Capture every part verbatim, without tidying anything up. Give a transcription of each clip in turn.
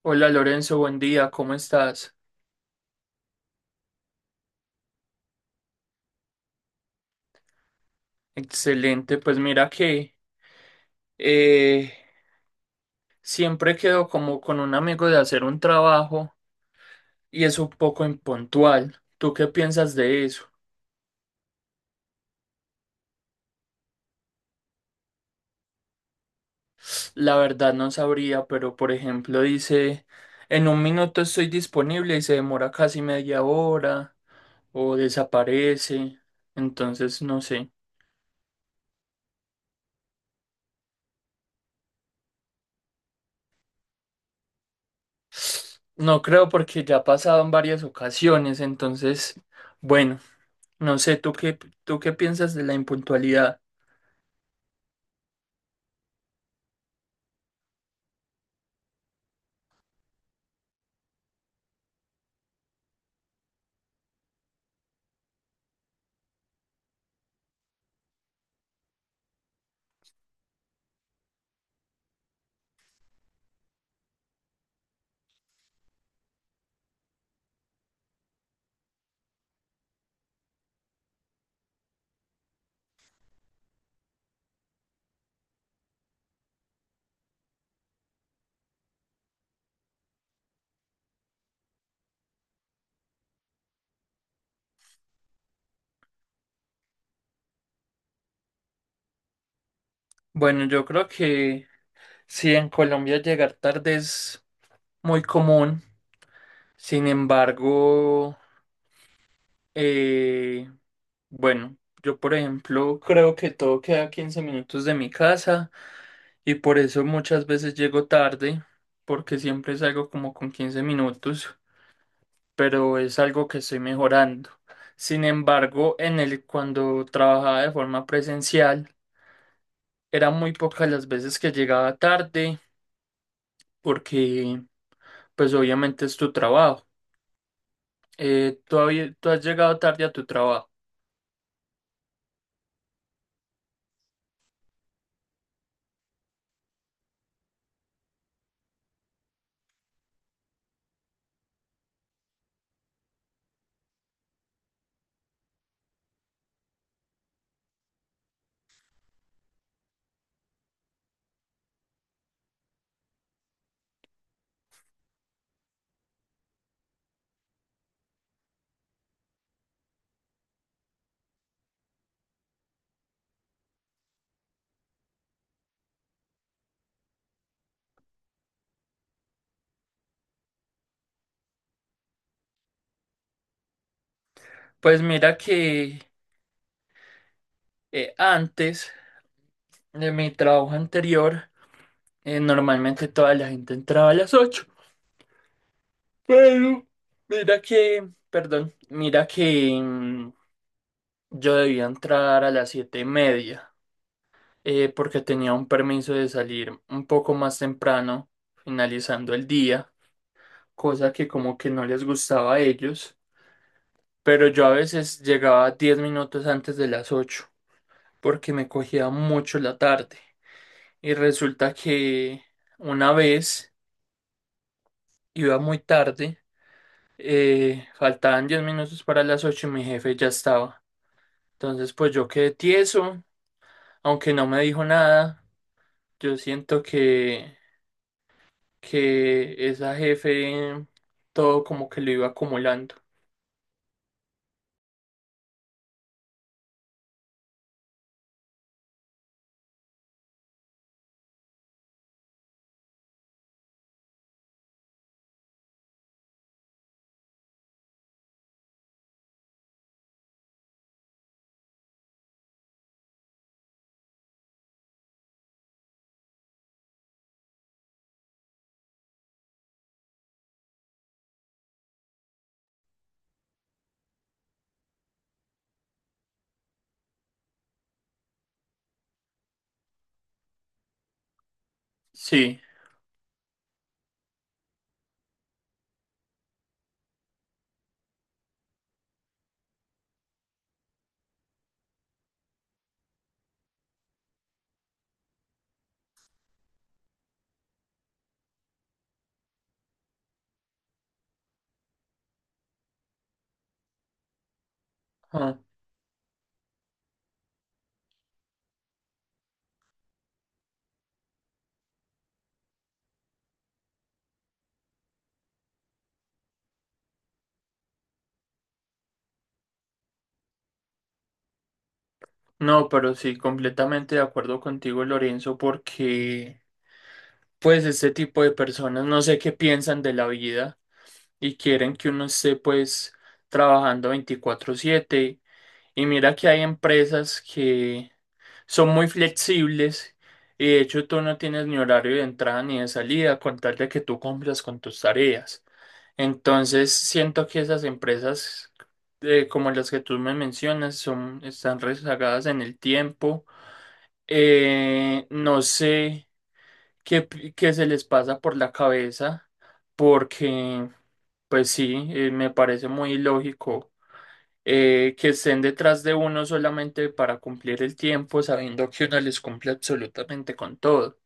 Hola Lorenzo, buen día, ¿cómo estás? Excelente, pues mira que eh, siempre quedo como con un amigo de hacer un trabajo y es un poco impuntual. ¿Tú qué piensas de eso? La verdad no sabría, pero por ejemplo dice, en un minuto estoy disponible y se demora casi media hora o desaparece, entonces no sé. No creo porque ya ha pasado en varias ocasiones, entonces, bueno. No sé, ¿tú qué, ¿tú qué piensas de la impuntualidad? Bueno, yo creo que sí, en Colombia llegar tarde es muy común. Sin embargo, eh, bueno, yo por ejemplo creo que todo queda a quince minutos de mi casa y por eso muchas veces llego tarde, porque siempre salgo como con quince minutos, pero es algo que estoy mejorando. Sin embargo, en el cuando trabajaba de forma presencial, era muy pocas las veces que llegaba tarde porque pues obviamente es tu trabajo. Eh, ¿tú, habí- Tú has llegado tarde a tu trabajo? Pues mira que eh, antes de mi trabajo anterior eh, normalmente toda la gente entraba a las ocho, pero mira que, perdón, mira que mm, yo debía entrar a las siete y media eh, porque tenía un permiso de salir un poco más temprano finalizando el día, cosa que como que no les gustaba a ellos, pero yo a veces llegaba diez minutos antes de las ocho porque me cogía mucho la tarde. Y resulta que una vez iba muy tarde, eh, faltaban diez minutos para las ocho y mi jefe ya estaba. Entonces pues yo quedé tieso, aunque no me dijo nada, yo siento que, que esa jefe todo como que lo iba acumulando. Sí. No, pero sí, completamente de acuerdo contigo, Lorenzo, porque pues este tipo de personas no sé qué piensan de la vida y quieren que uno esté pues trabajando veinticuatro siete. Y mira que hay empresas que son muy flexibles y de hecho tú no tienes ni horario de entrada ni de salida con tal de que tú cumplas con tus tareas. Entonces siento que esas empresas, eh, como las que tú me mencionas son, están rezagadas en el tiempo. Eh, no sé qué, pi- qué se les pasa por la cabeza, porque, pues sí, eh, me parece muy ilógico eh, que estén detrás de uno solamente para cumplir el tiempo, sabiendo que uno les cumple absolutamente con todo.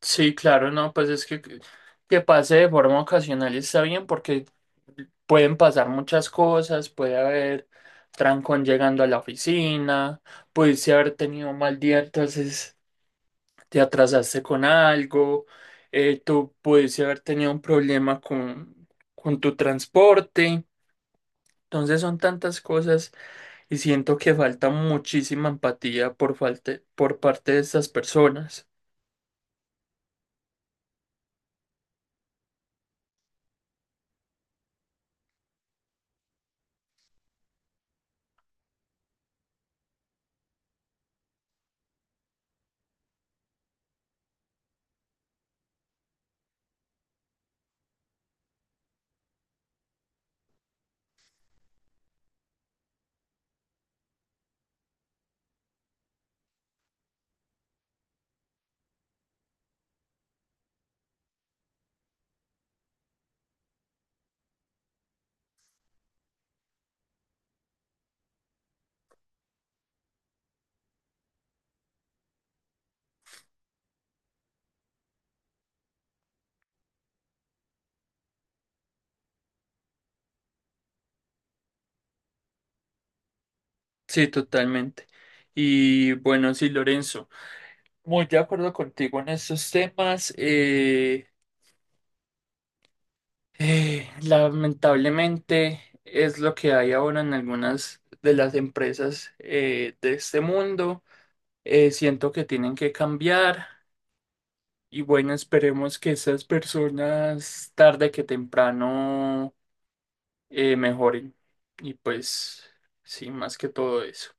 Sí, claro, no, pues es que que pase de forma ocasional está bien, porque pueden pasar muchas cosas, puede haber trancón llegando a la oficina, pudiste haber tenido un mal día, entonces te atrasaste con algo. Eh, tú pudiste haber tenido un problema con, con tu transporte. Entonces son tantas cosas y siento que falta muchísima empatía por falta, por parte de estas personas. Sí, totalmente. Y bueno, sí, Lorenzo, muy de acuerdo contigo en estos temas. Eh, eh, lamentablemente es lo que hay ahora en algunas de las empresas eh, de este mundo. Eh, siento que tienen que cambiar y bueno, esperemos que esas personas tarde que temprano eh, mejoren. Y pues, sí, más que todo eso.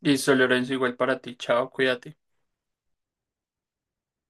Listo, Lorenzo, igual para ti, chao, cuídate.